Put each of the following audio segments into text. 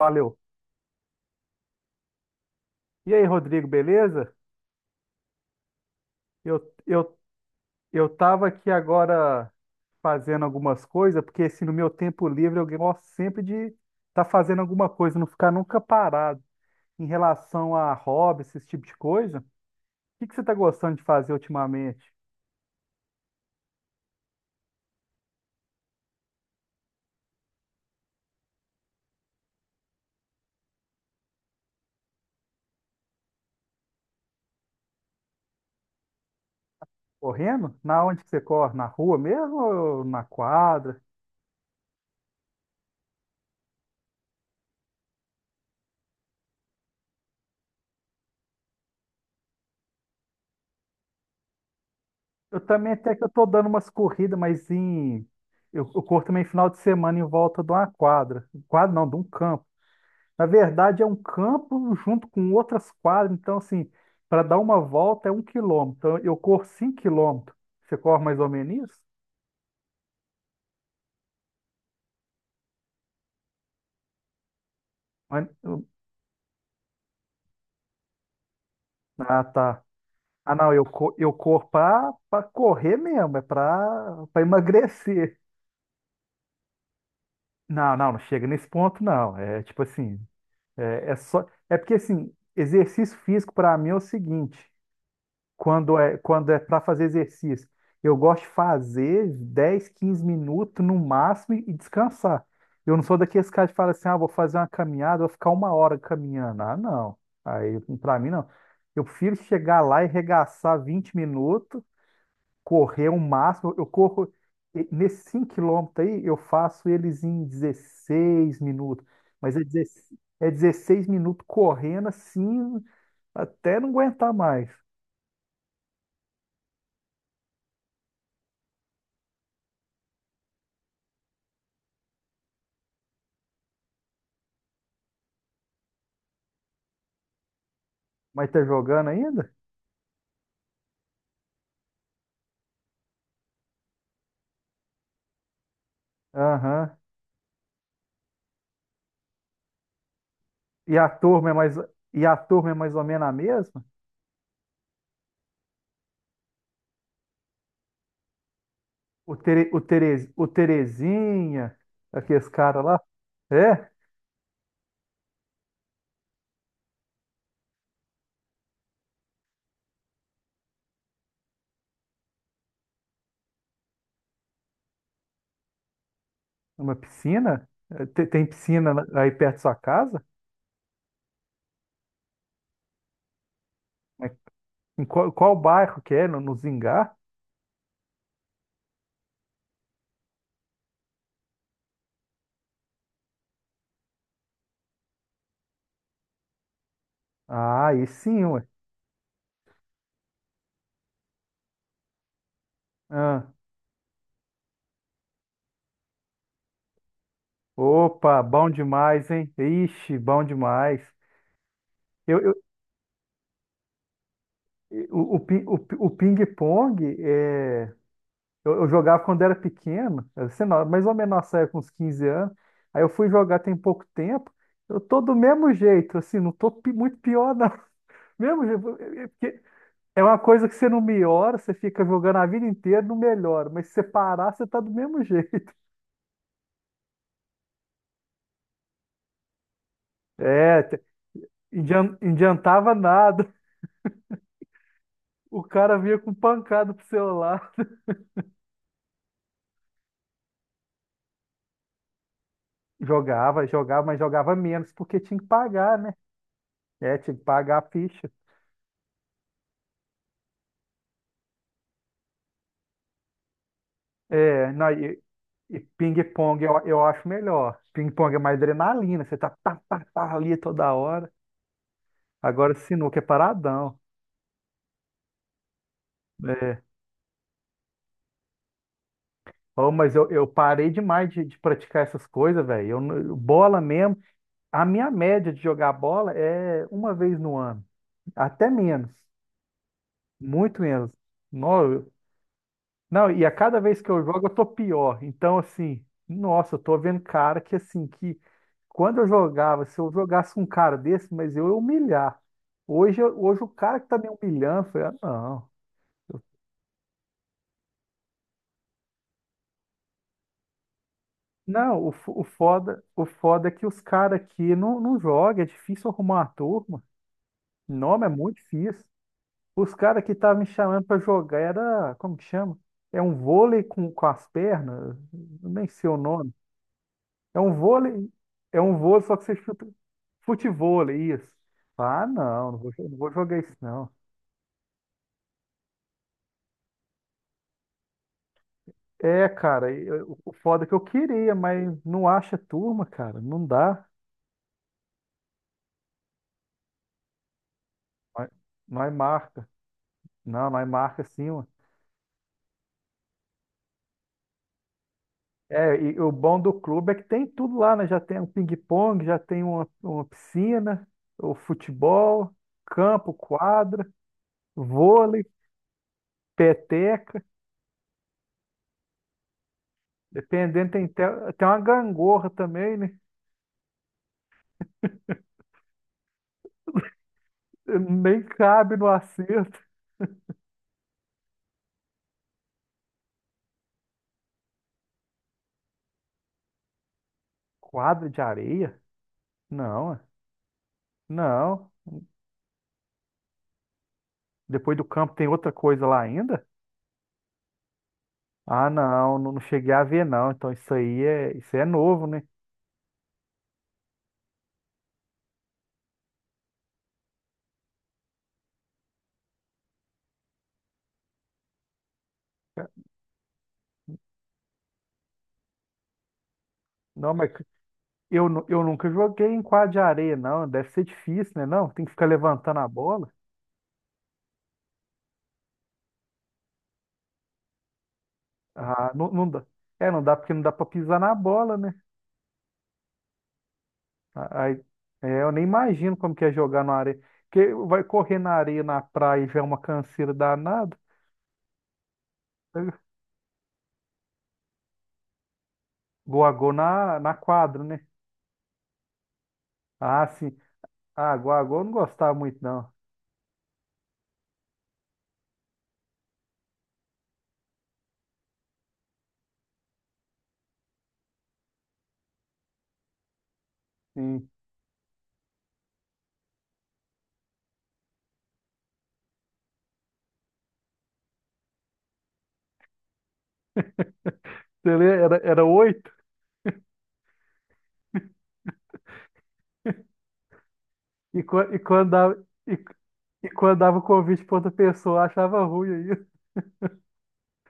Valeu. E aí, Rodrigo, beleza? Eu, eu, eu tava aqui agora fazendo algumas coisas, porque assim, no meu tempo livre eu gosto sempre de estar tá fazendo alguma coisa, não ficar nunca parado em relação a hobbies esse tipo de coisa. O que que você está gostando de fazer ultimamente? Correndo? Na onde que você corre? Na rua mesmo ou na quadra? Eu também até que eu tô dando umas corridas, mas em... Eu corro também final de semana em volta de uma quadra. Quadra não, de um campo. Na verdade, é um campo junto com outras quadras. Então, assim, para dar uma volta é 1 quilômetro. Então, eu corro 5 quilômetros. Você corre mais ou menos isso? Mas- Ah, tá. Ah, não, eu corro para correr mesmo, é para emagrecer. Não, não, não chega nesse ponto, não. É tipo assim, é só. É porque, assim, exercício físico para mim é o seguinte. Quando é para fazer exercício. Eu gosto de fazer 10 15 minutos no máximo e descansar. Eu não sou daqueles caras que falam assim, ah, vou fazer uma caminhada, vou ficar 1 hora caminhando. Ah, não. Aí, para mim, não. Eu prefiro chegar lá e regaçar 20 minutos, correr o máximo. Eu corro, nesses 5 quilômetros aí, eu faço eles em 16 minutos. Mas é 16, é 16 minutos correndo assim, até não aguentar mais. Mas tá jogando ainda? Aham. E a turma é mais, e a turma é mais ou menos a mesma? O Terezinha, aqueles caras lá? É? Uma piscina? É, tem piscina na- aí perto da sua casa? Mas em qual, qual bairro que é? No, no Zingá? Ah, aí sim, ué. Ah, opa, bom demais, hein? Ixi, bom demais. Eu, o, pin- o ping-pong é. Eu jogava quando era pequeno, era, sei lá, mais ou menos nossa época, uns 15 anos. Aí eu fui jogar tem pouco tempo. Eu tô do mesmo jeito, assim, não tô muito pior, não. Mesmo jeito, é porque é uma coisa que você não melhora, você fica jogando a vida inteira, não melhora. Mas se você parar, você tá do mesmo jeito. É, adiantava nada. O cara vinha com pancada pro celular. Jogava, jogava, mas jogava menos, porque tinha que pagar, né? É, tinha que pagar a ficha. É, não, e ping-pong eu acho melhor. Ping-pong é mais adrenalina, você tá ali toda hora. Agora sinuca é paradão. É. Oh, mas eu parei demais de praticar essas coisas, velho. Eu não- bola mesmo. A minha média de jogar bola é uma vez no ano, até menos, muito menos. Não, não, e a cada vez que eu jogo eu tô pior. Então, assim, nossa, eu tô vendo cara que, assim, que quando eu jogava, se eu jogasse um cara desse, mas eu ia humilhar. Hoje, eu- hoje o cara que tá me humilhando, eu falei, ah, não. Não, o foda é que os caras aqui não jogam, é difícil arrumar a turma. Nome é muito difícil. Os caras que estavam me chamando pra jogar era, como que chama? É um vôlei com as pernas, eu nem sei o nome. É um vôlei, é um vôlei, só que você chuta. Futevôlei, isso. Ah, não vou jogar isso, não. É, cara, e eu- o foda é que eu queria, mas não acha turma, cara, não dá. Nós nós marca. Não, nós marca sim, mano. É, e o bom do clube é que tem tudo lá, né? Já tem um ping-pong, já tem uma piscina, o futebol, campo, quadra, vôlei, peteca. Dependendo, tem até, tem uma gangorra também, né? Nem cabe no acerto. Quadra de areia? Não, é. Não. Depois do campo tem outra coisa lá ainda? Ah, não, não não cheguei a ver, não. Então isso aí é novo, né? Não, mas eu, eu nunca joguei em quadra de areia, não. Deve ser difícil, né? Não, tem que ficar levantando a bola. Ah, não, não dá. É, não dá porque não dá pra pisar na bola, né? Aí, é, eu nem imagino como que é jogar na areia. Porque vai correr na areia, na praia, já é uma canseira danada. Goagô na, na quadra, né? Ah, sim. Ah, Goagô eu não gostava muito, não. Sim. Você lê, era, era oito. E, e quando dava o convite para outra pessoa, eu achava ruim aí.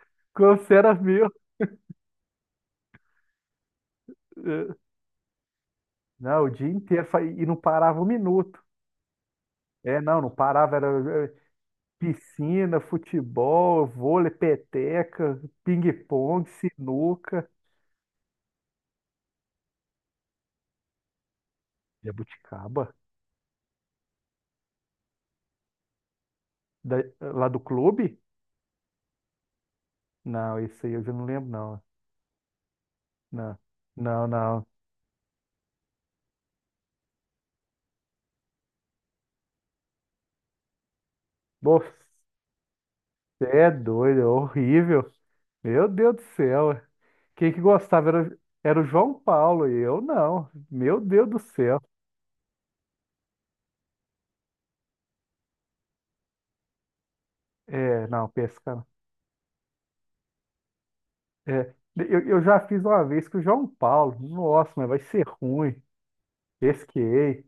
Quando você era meu. É. Não, o dia inteiro. E não parava um minuto. É, não, não parava. Era é, piscina, futebol, vôlei, peteca, ping-pong, sinuca. Jabuticaba. Da- Lá do clube? Não, isso aí eu já não lembro, não. Não, não, não. Você é doido, é horrível. Meu Deus do céu. Quem que gostava era, era o João Paulo e eu não. Meu Deus do céu. É, não, pesca. É, eu já fiz uma vez com o João Paulo. Nossa, mas vai ser ruim. Pesquei.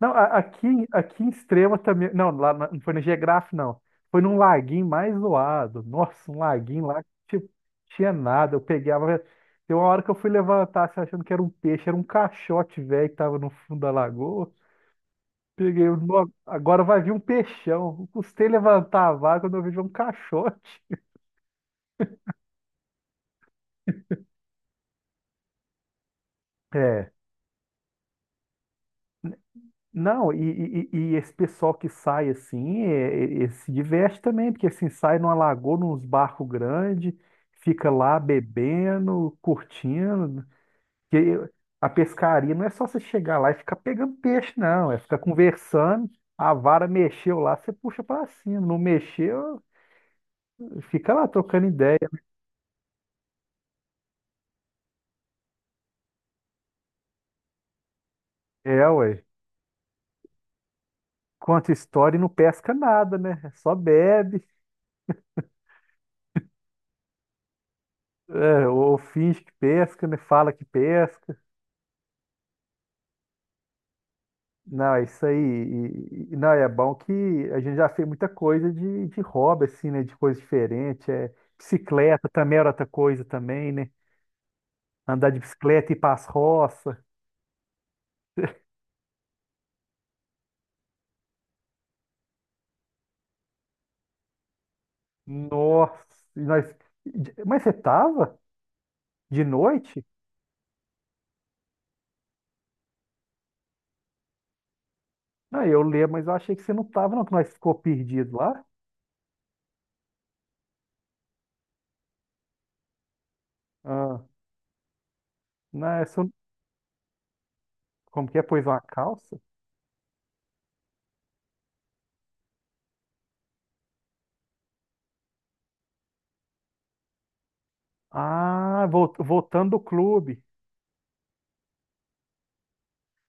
Não, aqui em Extrema também. Não, não foi no Geograf, não. Foi num laguinho mais zoado. Nossa, um laguinho lá que tipo, tinha nada. Eu pegava. Tem uma hora que eu fui levantar, assim, achando que era um peixe, era um caixote velho que tava no fundo da lagoa. Peguei, "Nó, agora vai vir um peixão. Eu custei levantar a vaga quando eu vejo um caixote. É. Não, esse pessoal que sai assim, se diverte também, porque assim, sai numa lagoa, nos barcos grandes, fica lá bebendo, curtindo. Porque a pescaria não é só você chegar lá e ficar pegando peixe, não. É ficar conversando, a vara mexeu lá, você puxa pra cima. Não mexeu, fica lá trocando ideia. É, ué. Conta história e não pesca nada, né? Só bebe, é, ou finge que pesca, né? Fala que pesca. Não, é isso aí. E, não, é bom que a gente já fez muita coisa de hobby, assim, né? De coisa diferente. É, bicicleta também era outra coisa também, né? Andar de bicicleta e ir pras roças. Nossa, e nós... Mas você tava? De noite? Não, eu lembro, mas eu achei que você não tava, não, que nós ficou perdido lá. Ah, não, é só- um, como que é? Pôs uma calça? Ah, voltando do clube.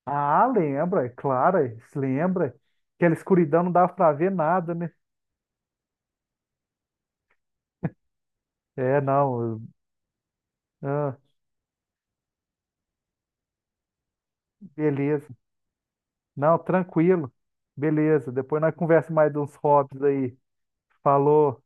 Ah, lembra, é claro, é, se lembra. Aquela escuridão não dava pra ver nada, né? É, não. Eu- ah, beleza. Não, tranquilo. Beleza. Depois nós conversa mais de uns hobbies aí. Falou.